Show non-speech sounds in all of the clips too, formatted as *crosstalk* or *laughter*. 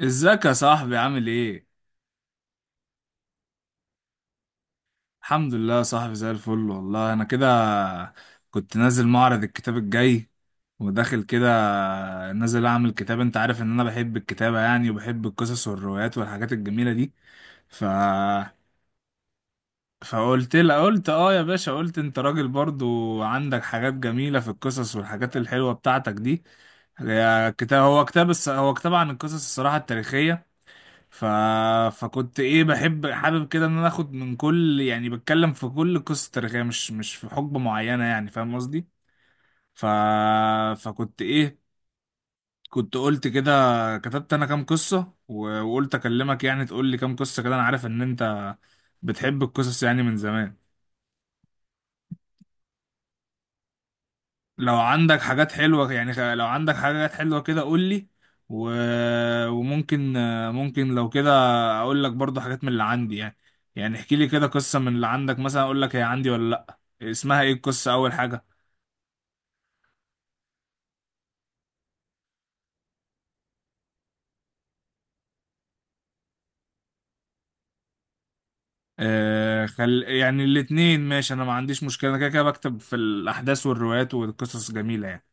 ازيك يا صاحبي، عامل ايه؟ الحمد لله يا صاحبي، زي الفل والله. انا كده كنت نازل معرض الكتاب الجاي وداخل كده، نازل اعمل كتاب. انت عارف ان انا بحب الكتابة يعني، وبحب القصص والروايات والحاجات الجميلة دي. ف فقلت لها، قلت اه يا باشا، قلت انت راجل برضو عندك حاجات جميلة في القصص والحاجات الحلوة بتاعتك دي. يا كتاب، هو كتاب عن القصص الصراحة التاريخية. ف... فكنت ايه، بحب حابب كده ان انا اخد من كل، يعني بتكلم في كل قصة تاريخية مش في حقبة معينة، يعني فاهم قصدي. ف... فكنت ايه، كنت قلت كده، كتبت انا كام قصة وقلت اكلمك يعني تقول لي كام قصة كده. انا عارف ان انت بتحب القصص يعني من زمان. لو عندك حاجات حلوة يعني، لو عندك حاجات حلوة كده قول لي. و... وممكن لو كده اقول لك برضو حاجات من اللي عندي يعني. يعني احكي لي كده قصة من اللي عندك، مثلا اقول لك هي عندي ولا. لا، اسمها ايه القصة اول حاجة؟ آه، يعني الاتنين ماشي، انا ما عنديش مشكلة، انا كده كده بكتب في الاحداث والروايات والقصص جميلة يعني.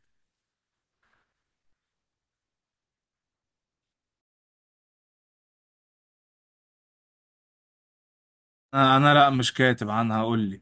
انا لا، مش كاتب عنها، قول لي.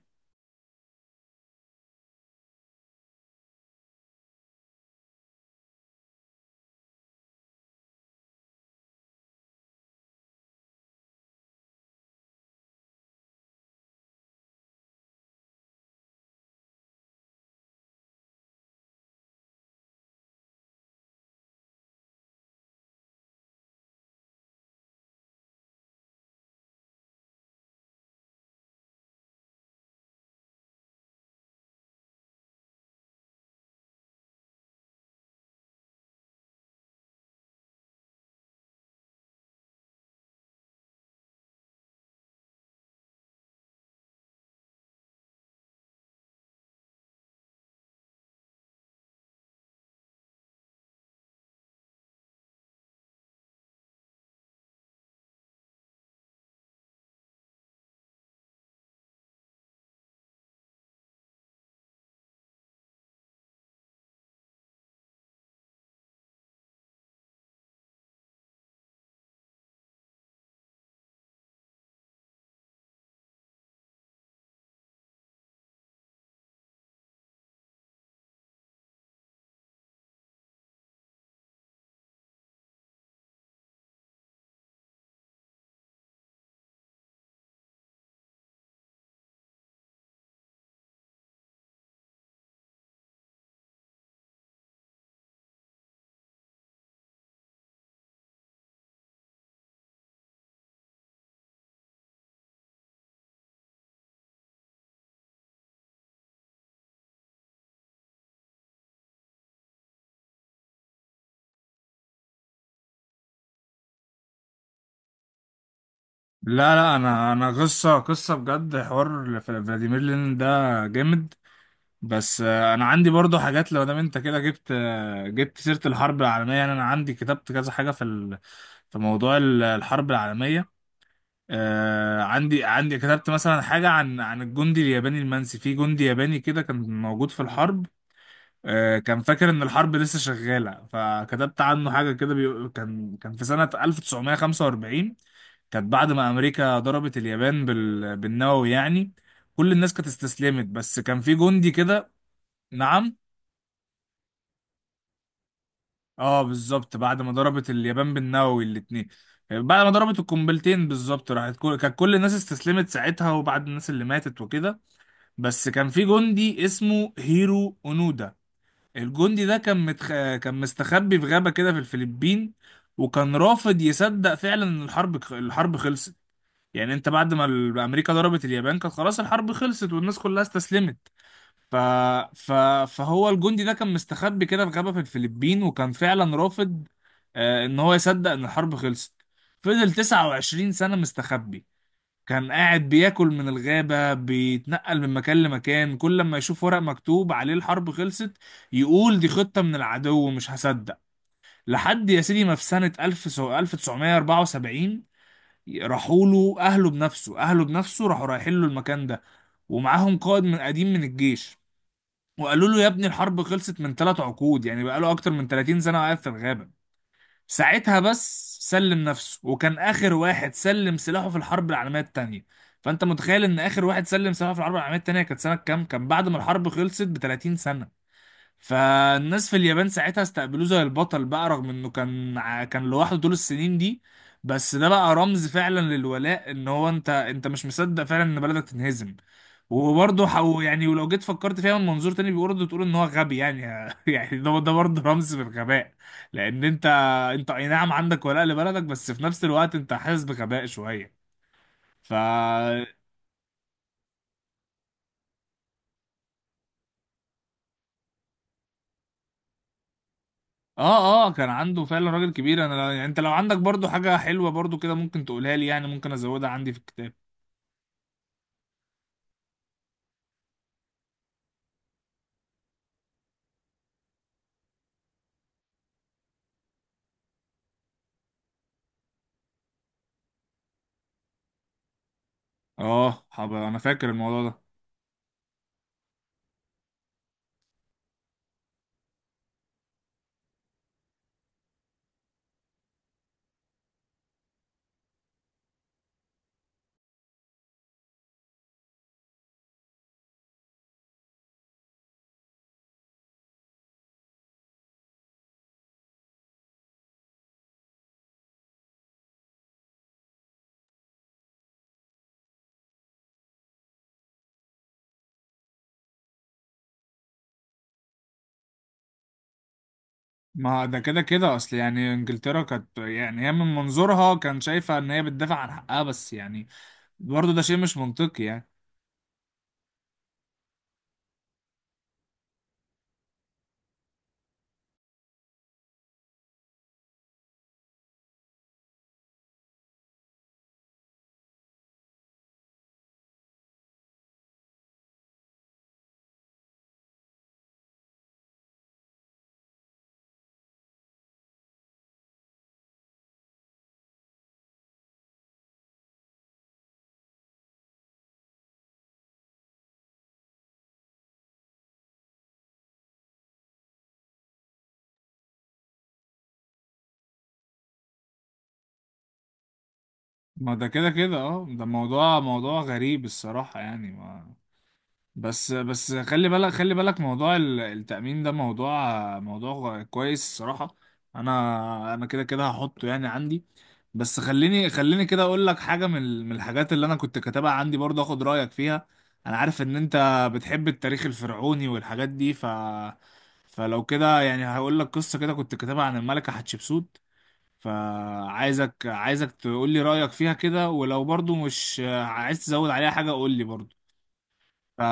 لا لا، انا قصة بجد، حوار فلاديمير لينين ده جامد. بس آه، انا عندي برضو حاجات، لو دام انت كده جبت آه، جبت سيرة الحرب العالمية يعني. انا عندي كتبت كذا حاجة في موضوع الحرب العالمية. آه، عندي كتبت مثلا حاجة عن الجندي الياباني المنسي، في جندي ياباني كده كان موجود في الحرب. آه، كان فاكر ان الحرب لسه شغالة، فكتبت عنه حاجة كده. كان في سنة 1945، كانت بعد ما امريكا ضربت اليابان بالنووي يعني. كل الناس كانت استسلمت، بس كان في جندي كده. نعم. اه، بالظبط بعد ما ضربت اليابان بالنووي الاتنين، بعد ما ضربت القنبلتين بالظبط، راحت كل، كانت كل الناس استسلمت ساعتها، وبعد الناس اللي ماتت وكده. بس كان في جندي اسمه هيرو اونودا. الجندي ده كان مستخبي في غابة كده في الفلبين، وكان رافض يصدق فعلا ان الحرب خلصت. يعني انت بعد ما امريكا ضربت اليابان كانت خلاص الحرب خلصت والناس كلها استسلمت. ف... ف... فهو الجندي ده كان مستخبي كده في غابة في الفلبين، وكان فعلا رافض آه، ان هو يصدق ان الحرب خلصت. فضل 29 سنة مستخبي، كان قاعد بياكل من الغابة بيتنقل من مكان لمكان. كل ما يشوف ورق مكتوب عليه الحرب خلصت يقول دي خطة من العدو، مش هصدق. لحد يا سيدي ما في سنة 1000 1974 راحوا له أهله بنفسه، أهله بنفسه راحوا رايحين له المكان ده. ومعاهم قائد من قديم من الجيش، وقالوا له يا ابني الحرب خلصت من ثلاث عقود، يعني بقاله اكتر من 30 سنة قاعد في الغابة. ساعتها بس سلم نفسه، وكان اخر واحد سلم سلاحه في الحرب العالمية التانية. فانت متخيل ان اخر واحد سلم سلاحه في الحرب العالمية التانية كانت سنة كام؟ كان بعد ما الحرب خلصت ب 30 سنة. فالناس في اليابان ساعتها استقبلوه زي البطل بقى، رغم انه كان لوحده طول السنين دي. بس ده بقى رمز فعلا للولاء، ان هو انت مش مصدق فعلا ان بلدك تنهزم. وبرضه يعني، ولو جيت فكرت فيها من منظور تاني برضه تقول ان هو غبي يعني. *laughs* يعني ده برضه رمز بالغباء، لان انت اي نعم عندك ولاء لبلدك، بس في نفس الوقت انت حاسس بغباء شويه. ف اه اه، كان عنده فعلا راجل كبير. انا يعني انت لو عندك برضو حاجة حلوة برضو كده ممكن تقولها لي يعني، ممكن ازودها عندي في الكتاب. اه، حب انا فاكر الموضوع ده. ما ده كده كده اصل يعني، انجلترا كانت يعني هي من منظورها كان شايفة ان هي بتدافع عن حقها بس يعني، برضو ده شيء مش منطقي يعني. ما ده كده كده اه، ده موضوع غريب الصراحة يعني ما. بس خلي بالك، خلي بالك، موضوع التأمين ده موضوع كويس الصراحة. انا كده كده هحطه يعني عندي. بس خليني خليني كده اقول لك حاجة من الحاجات اللي انا كنت كاتبها عندي برضه اخد رأيك فيها. انا عارف ان انت بتحب التاريخ الفرعوني والحاجات دي. فلو كده يعني هقول لك قصة كده كنت كاتبها عن الملكة حتشبسوت. فعايزك، عايزك تقول لي رأيك فيها كده، ولو برضه مش عايز تزود عليها حاجة قول لي برضه. ف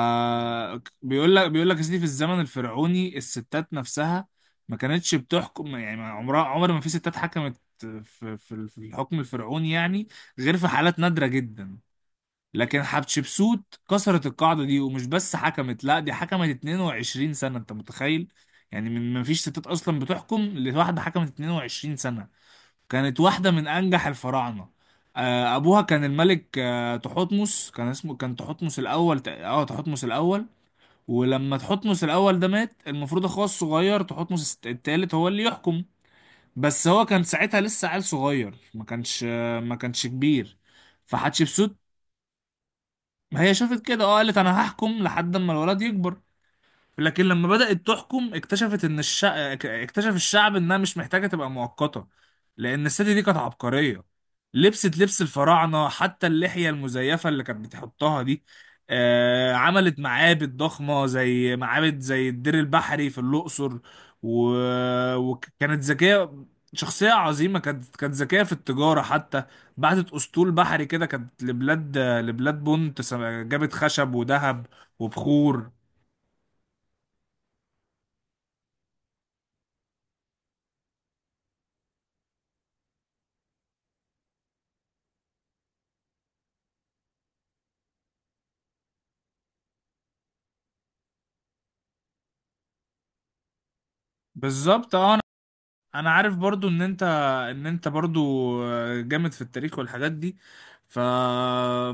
بيقول لك يا سيدي، في الزمن الفرعوني الستات نفسها ما كانتش بتحكم يعني، ما عمرها عمر ما في ستات حكمت في في الحكم الفرعوني يعني، غير في حالات نادرة جدا. لكن حتشبسوت كسرت القاعدة دي، ومش بس حكمت، لا، دي حكمت 22 سنة، انت متخيل؟ يعني من ما فيش ستات اصلا بتحكم لواحدة حكمت 22 سنة. كانت واحدة من انجح الفراعنة. آه، ابوها كان الملك آه، تحتمس، كان اسمه تحتمس الاول اه، تحتمس الاول. ولما تحتمس الاول ده مات، المفروض اخوه الصغير تحتمس التالت هو اللي يحكم، بس هو كان ساعتها لسه عيل صغير، ما كانش كبير. فحتشبسوت هي شافت كده، اه قالت انا هحكم لحد اما الولد يكبر. لكن لما بدأت تحكم اكتشف الشعب انها مش محتاجة تبقى مؤقتة، لان الست دي كانت عبقرية. لبست لبس الفراعنة حتى اللحية المزيفة اللي كانت بتحطها دي. آه، عملت معابد ضخمة زي معابد زي الدير البحري في الأقصر. و... وكانت ذكية. شخصية عظيمة، كانت ذكية في التجارة حتى. بعتت أسطول بحري كده، كانت لبلاد، بونت، جابت خشب وذهب وبخور. بالظبط اه. انا عارف برضو ان انت برضو جامد في التاريخ والحاجات دي. ف...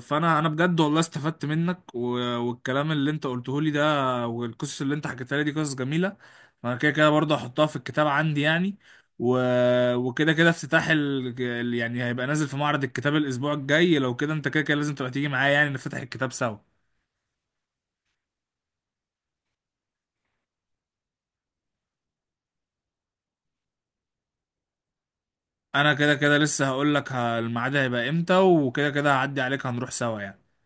فانا بجد والله استفدت منك. والكلام اللي انت قلته لي ده، والقصص اللي انت حكيتها لي دي، قصص جميله. فانا كده كده برضو هحطها في الكتاب عندي يعني. و... وكده كده افتتاح يعني هيبقى نازل في معرض الكتاب الاسبوع الجاي. لو كده انت كده كده لازم تبقى تيجي معايا يعني، نفتح الكتاب سوا. انا كده كده لسه هقول لك الميعاد هيبقى امتى، وكده كده هعدي عليك، هنروح سوا يعني.